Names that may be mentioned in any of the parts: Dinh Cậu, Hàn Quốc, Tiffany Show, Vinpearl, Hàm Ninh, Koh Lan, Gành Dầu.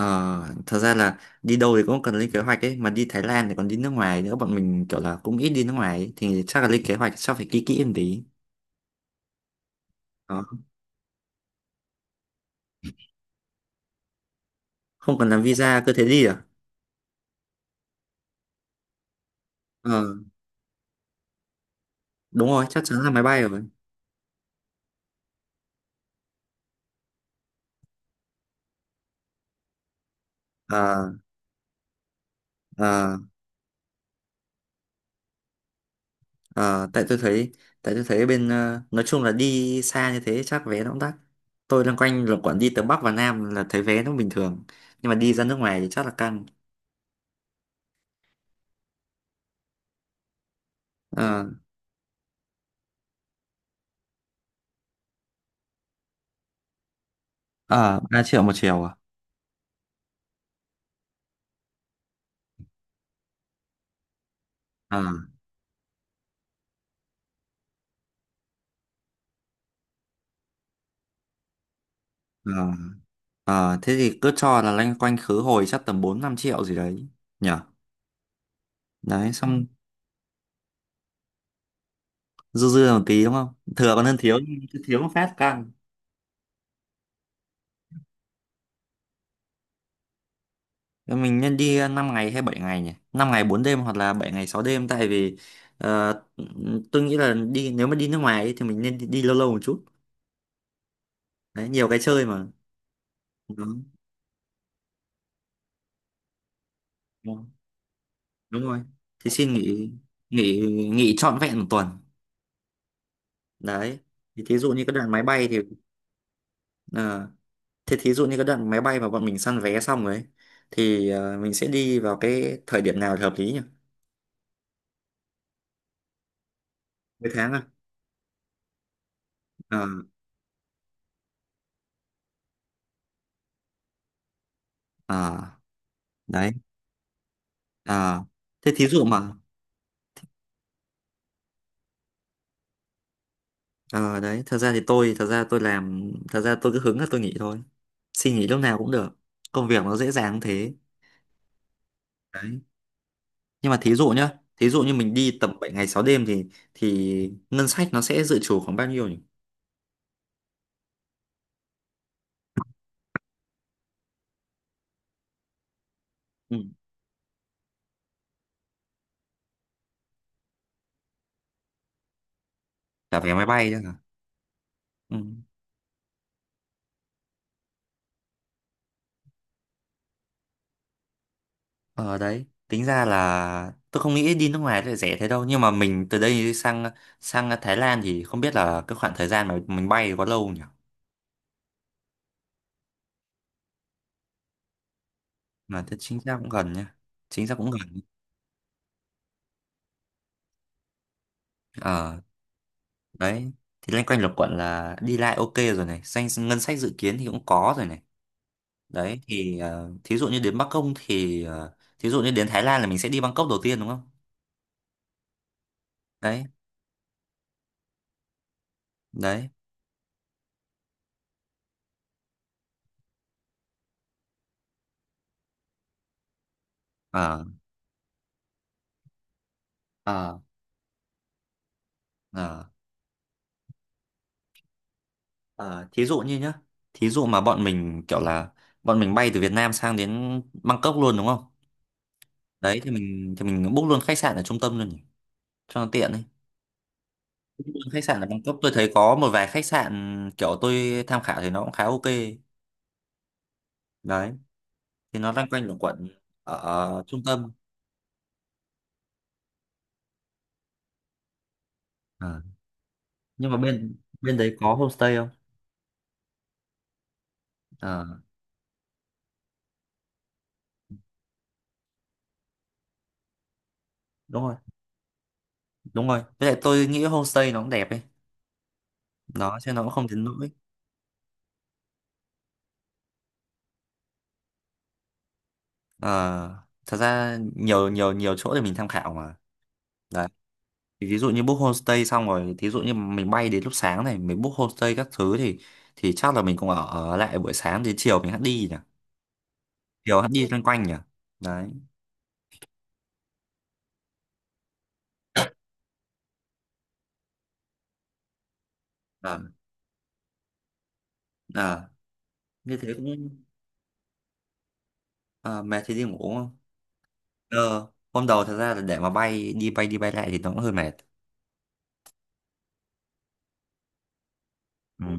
Ờ, thật ra là đi đâu thì cũng cần lên kế hoạch ấy, mà đi Thái Lan thì còn đi nước ngoài nữa, bọn mình kiểu là cũng ít đi nước ngoài ấy. Thì chắc là lên kế hoạch chắc phải kỹ kỹ một tí. Đó. Không cần làm visa cứ thế đi à? ờ, Đúng rồi, chắc chắn là máy bay rồi. ờ, ờ, ờ, tại tôi thấy tại tôi thấy bên, nói chung là đi xa như thế chắc vé nó cũng đắt. Tôi loanh quanh là quản đi từ Bắc và Nam là thấy vé nó bình thường, nhưng mà đi ra nước ngoài thì chắc là căng. ờ, ờ, 3 triệu một chiều à? ờ, ờ. Ờ, thế thì cứ cho là loanh quanh khứ hồi chắc tầm 4 5 triệu gì đấy nhỉ. Đấy, xong dư dư một tí đúng không? Thừa còn hơn thiếu, cứ thiếu một phát căng. Thế mình nên đi 5 ngày hay 7 ngày nhỉ? Năm ngày 4 đêm hoặc là 7 ngày 6 đêm, tại vì ờ, tôi nghĩ là đi nếu mà đi nước ngoài ấy, thì mình nên đi lâu lâu một chút. Đấy, nhiều cái chơi mà. Đúng, đúng, đúng rồi. Thì xin nghỉ nghỉ nghỉ trọn vẹn một tuần. Đấy. Thì thí dụ như cái đoạn máy bay thì, ờ, thế thí dụ như cái đoạn máy bay mà bọn mình săn vé xong rồi ấy, thì mình sẽ đi vào cái thời điểm nào là hợp lý nhỉ? Mấy tháng à? Ờ, ờ, đấy. Ờ. Thế thí dụ mà, ờ đấy, thật ra tôi cứ hứng là tôi nghỉ thôi. Xin nghỉ lúc nào cũng được. Công việc nó dễ dàng thế. Đấy. Nhưng mà thí dụ nhá, thí dụ như mình đi tầm 7 ngày 6 đêm thì ngân sách nó sẽ dự trù khoảng bao nhiêu nhỉ? Ừ. Cả vé máy bay chứ hả? Ừ. Ờ đấy, tính ra là tôi không nghĩ đi nước ngoài lại rẻ thế đâu, nhưng mà mình từ đây sang sang Thái Lan thì không biết là cái khoảng thời gian mà mình bay thì có lâu nhỉ? Mà thế chính xác cũng gần nhá. Chính xác cũng gần. Ờ đấy, thì loanh quanh lục quận là đi lại ok rồi này, danh ngân sách dự kiến thì cũng có rồi này. Đấy thì thí dụ như đến Bắc Công thì thí dụ như đến Thái Lan là mình sẽ đi Bangkok đầu tiên đúng không? Đấy, đấy. Ờ ờ ờ Ờ, thí dụ như nhá, thí dụ mà bọn mình kiểu là bọn mình bay từ Việt Nam sang đến Bangkok luôn đúng không? Đấy thì mình book luôn khách sạn ở trung tâm luôn nhỉ, cho nó tiện ấy. Book luôn khách sạn ở Bangkok, tôi thấy có một vài khách sạn kiểu tôi tham khảo thì nó cũng khá ok. Đấy, thì nó loanh quanh luẩn quẩn ở ở trung tâm. Ờ, nhưng mà bên bên đấy có homestay không? Ờ, đúng rồi, đúng rồi. Với lại tôi nghĩ homestay nó cũng đẹp ấy. Đó, chứ nó cũng không đến nỗi. Ờ, thật ra nhiều nhiều nhiều chỗ để mình tham khảo mà. Đấy. Thì thí dụ như book homestay xong rồi, thí dụ như mình bay đến lúc sáng này, mình book homestay các thứ thì chắc là mình cũng ở lại buổi sáng, đến chiều mình hãng đi nhỉ. Chiều hãng đi loanh quanh nhỉ. Đấy. À, à, như thế cũng, à, mệt thì đi ngủ không? ờ Hôm đầu thật ra là để mà bay đi bay lại thì nó cũng hơi mệt. Ừ.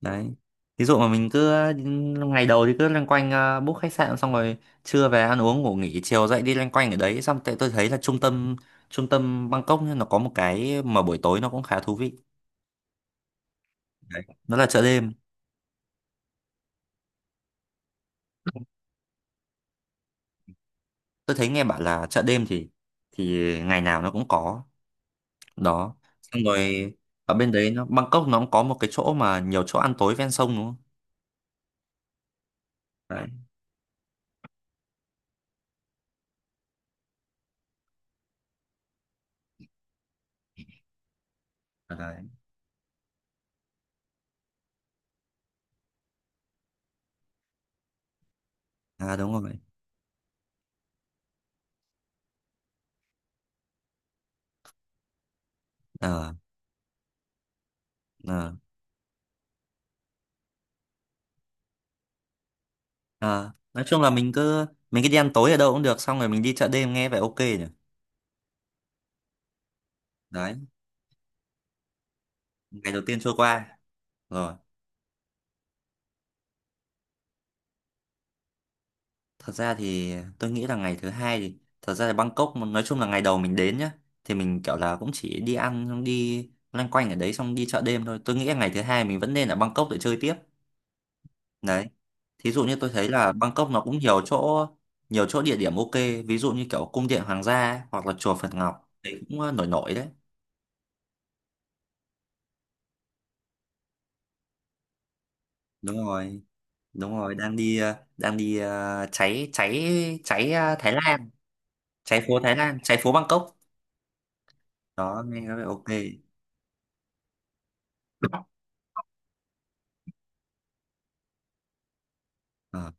Đấy. Ví dụ mà mình cứ, ngày đầu thì cứ loanh quanh, book khách sạn xong rồi trưa về ăn uống ngủ nghỉ, chiều dậy đi loanh quanh ở đấy. Xong tại tôi thấy là trung tâm Bangkok ấy, nó có một cái mà buổi tối nó cũng khá thú vị. Đấy. Nó là chợ đêm. Tôi thấy nghe bảo là chợ đêm thì ngày nào nó cũng có. Đó. Xong rồi ở bên đấy nó, Bangkok nó cũng có một cái chỗ mà nhiều chỗ ăn tối ven sông đúng không? Đấy, ở đấy. À, đúng rồi. ờ ờ Ờ, nói chung là mình cứ đi ăn tối ở đâu cũng được, xong rồi mình đi chợ đêm, nghe vậy ok nhỉ. Đấy, ngày đầu tiên trôi qua rồi. Thật ra thì tôi nghĩ là ngày thứ hai, thì thật ra là Bangkok nói chung là ngày đầu mình đến nhá, thì mình kiểu là cũng chỉ đi ăn xong đi loanh quanh ở đấy xong đi chợ đêm thôi. Tôi nghĩ là ngày thứ hai mình vẫn nên ở Bangkok để chơi tiếp. Đấy, thí dụ như tôi thấy là Bangkok nó cũng nhiều chỗ địa điểm ok. Ví dụ như kiểu cung điện hoàng gia ấy, hoặc là chùa Phật Ngọc thì cũng, nổi nổi đấy. Đúng rồi, đúng rồi, đang đi, đang đi ờ, cháy cháy, cháy Thái Lan, cháy phố Thái Lan, cháy phố Bangkok. Đó, nghe có vẻ ok. Ờ,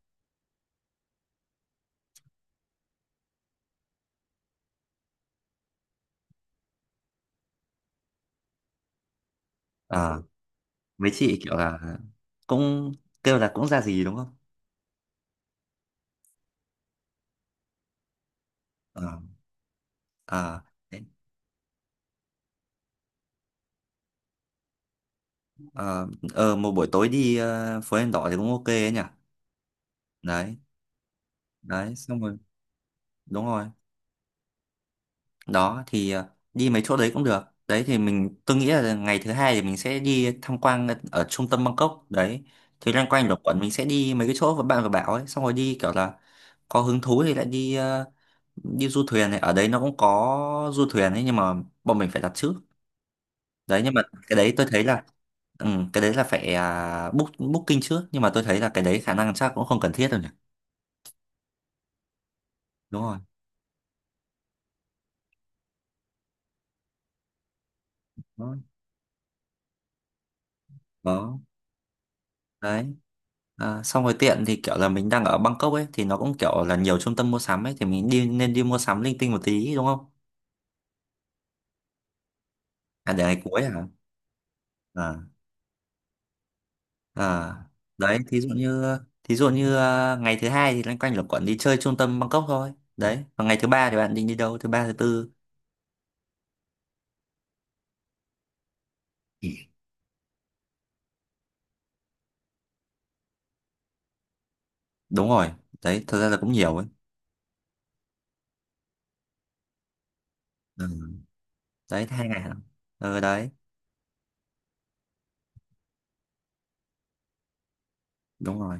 ờ, mấy chị kiểu là cũng kêu là cũng ra gì đúng không? ờ ờ Đấy. ờ Một buổi tối đi, phố đèn đỏ thì cũng ok ấy nhỉ. Đấy, đấy, xong rồi đúng rồi. Đó thì, đi mấy chỗ đấy cũng được đấy. Thì tôi nghĩ là ngày thứ hai thì mình sẽ đi tham quan ở trung tâm Bangkok. Đấy, thì loanh quanh, ừ, ở quận mình sẽ đi mấy cái chỗ mà bạn vừa bảo ấy, xong rồi đi kiểu là có hứng thú thì lại đi, đi du thuyền này. Ở đấy nó cũng có du thuyền ấy, nhưng mà bọn mình phải đặt trước. Đấy, nhưng mà cái đấy tôi thấy là, ừ, cái đấy là phải, booking trước. Nhưng mà tôi thấy là cái đấy khả năng chắc cũng không cần thiết đâu nhỉ. Đúng rồi. Đó, đó. Đấy. À, xong rồi tiện thì kiểu là mình đang ở Bangkok ấy, thì nó cũng kiểu là nhiều trung tâm mua sắm ấy, thì mình nên đi mua sắm linh tinh một tí đúng không? À, để ngày cuối hả? À, à. Đấy, thí dụ như ngày thứ hai thì loanh quanh luẩn quẩn đi chơi trung tâm Bangkok thôi. Đấy, còn ngày thứ ba thì bạn định đi đâu? Thứ ba thứ tư. Ừ. Đúng rồi. Đấy, thật ra là cũng nhiều ấy. Ừ. Đấy, hai ngày hả? Ừ đấy, đúng rồi.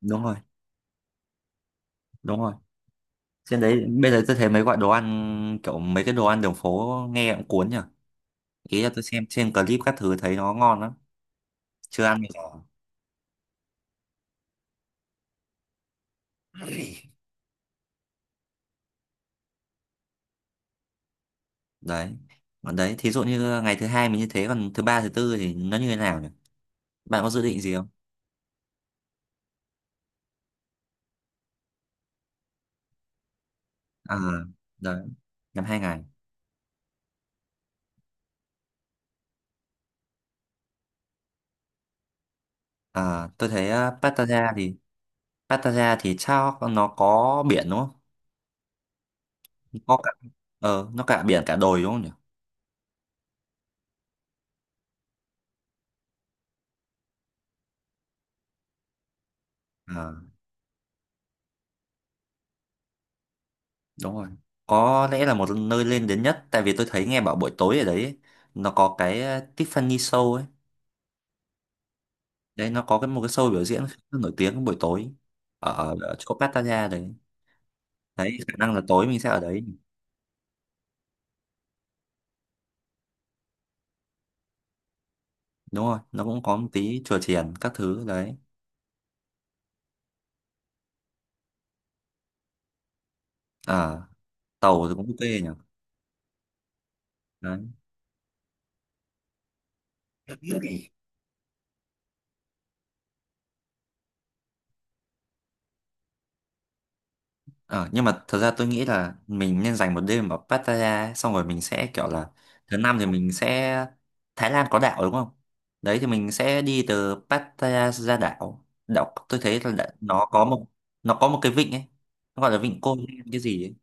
Đúng rồi, đúng rồi. Trên đấy bây giờ tôi thấy mấy gọi đồ ăn kiểu mấy cái đồ ăn đường phố nghe cũng cuốn nhỉ. Ý là tôi xem trên clip các thứ thấy nó ngon lắm, chưa ăn bao giờ. Đấy, còn đấy thí dụ như ngày thứ hai mình như thế, còn thứ ba thứ tư thì nó như thế nào nhỉ? Bạn có dự định gì không? À, đấy, năm hai ngày. À, tôi thấy, Pattaya thì, Pattaya thì sao, nó có biển đúng không? Có cả, nó cả biển cả đồi đúng không nhỉ? À, đúng rồi, có lẽ là một nơi lên đến nhất, tại vì tôi thấy nghe bảo buổi tối ở đấy ấy, nó có cái, Tiffany Show ấy. Đấy, nó có một cái show biểu diễn khá là nổi tiếng buổi tối ở chỗ Pattaya đấy. Đấy, khả năng là tối mình sẽ ở đấy. Đúng rồi, nó cũng có một tí chùa chiền các thứ đấy. À, tàu thì cũng ok nhỉ. Đấy, ờ, nhưng mà thật ra tôi nghĩ là mình nên dành một đêm ở Pattaya ấy, xong rồi mình sẽ kiểu là thứ năm thì mình sẽ, Thái Lan có đảo đúng không? Đấy thì mình sẽ đi từ Pattaya ra đảo. Đảo tôi thấy là nó có một, nó có một cái vịnh ấy, nó gọi là vịnh Koh Lan cái gì ấy.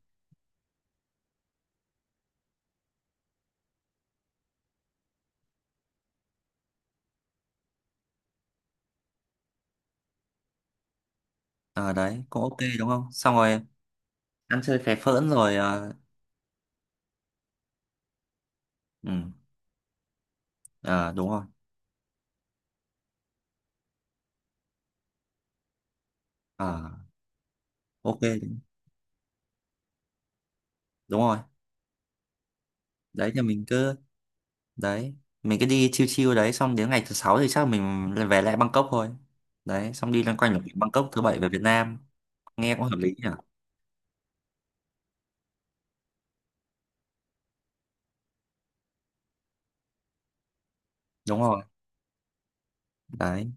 Ờ, đấy cũng ok đúng không? Xong rồi ăn chơi phè phỡn rồi, ừ, ờ, đúng rồi. Ờ ok, đúng rồi. Đấy thì mình cứ, đấy, mình cứ đi chill chill. Đấy, xong đến ngày thứ sáu thì chắc mình lại về lại Bangkok thôi. Đấy, xong đi loanh quanh ở Bangkok, thứ bảy về Việt Nam. Nghe cũng hợp lý nhỉ? Đúng rồi. Đấy,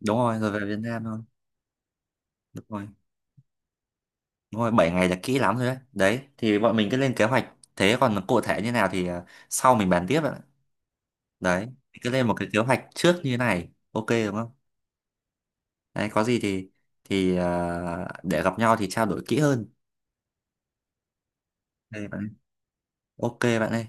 đúng rồi, rồi về Việt Nam thôi. Đúng rồi. Đúng rồi, 7 ngày là kỹ lắm rồi đấy. Đấy, thì bọn mình cứ lên kế hoạch. Thế còn cụ thể như nào thì, sau mình bàn tiếp ạ. Đấy, cứ lên một cái kế hoạch trước như thế này. Ok đúng không? Đấy, có gì thì để gặp nhau thì trao đổi kỹ hơn. Đây, bạn. Ok bạn ơi.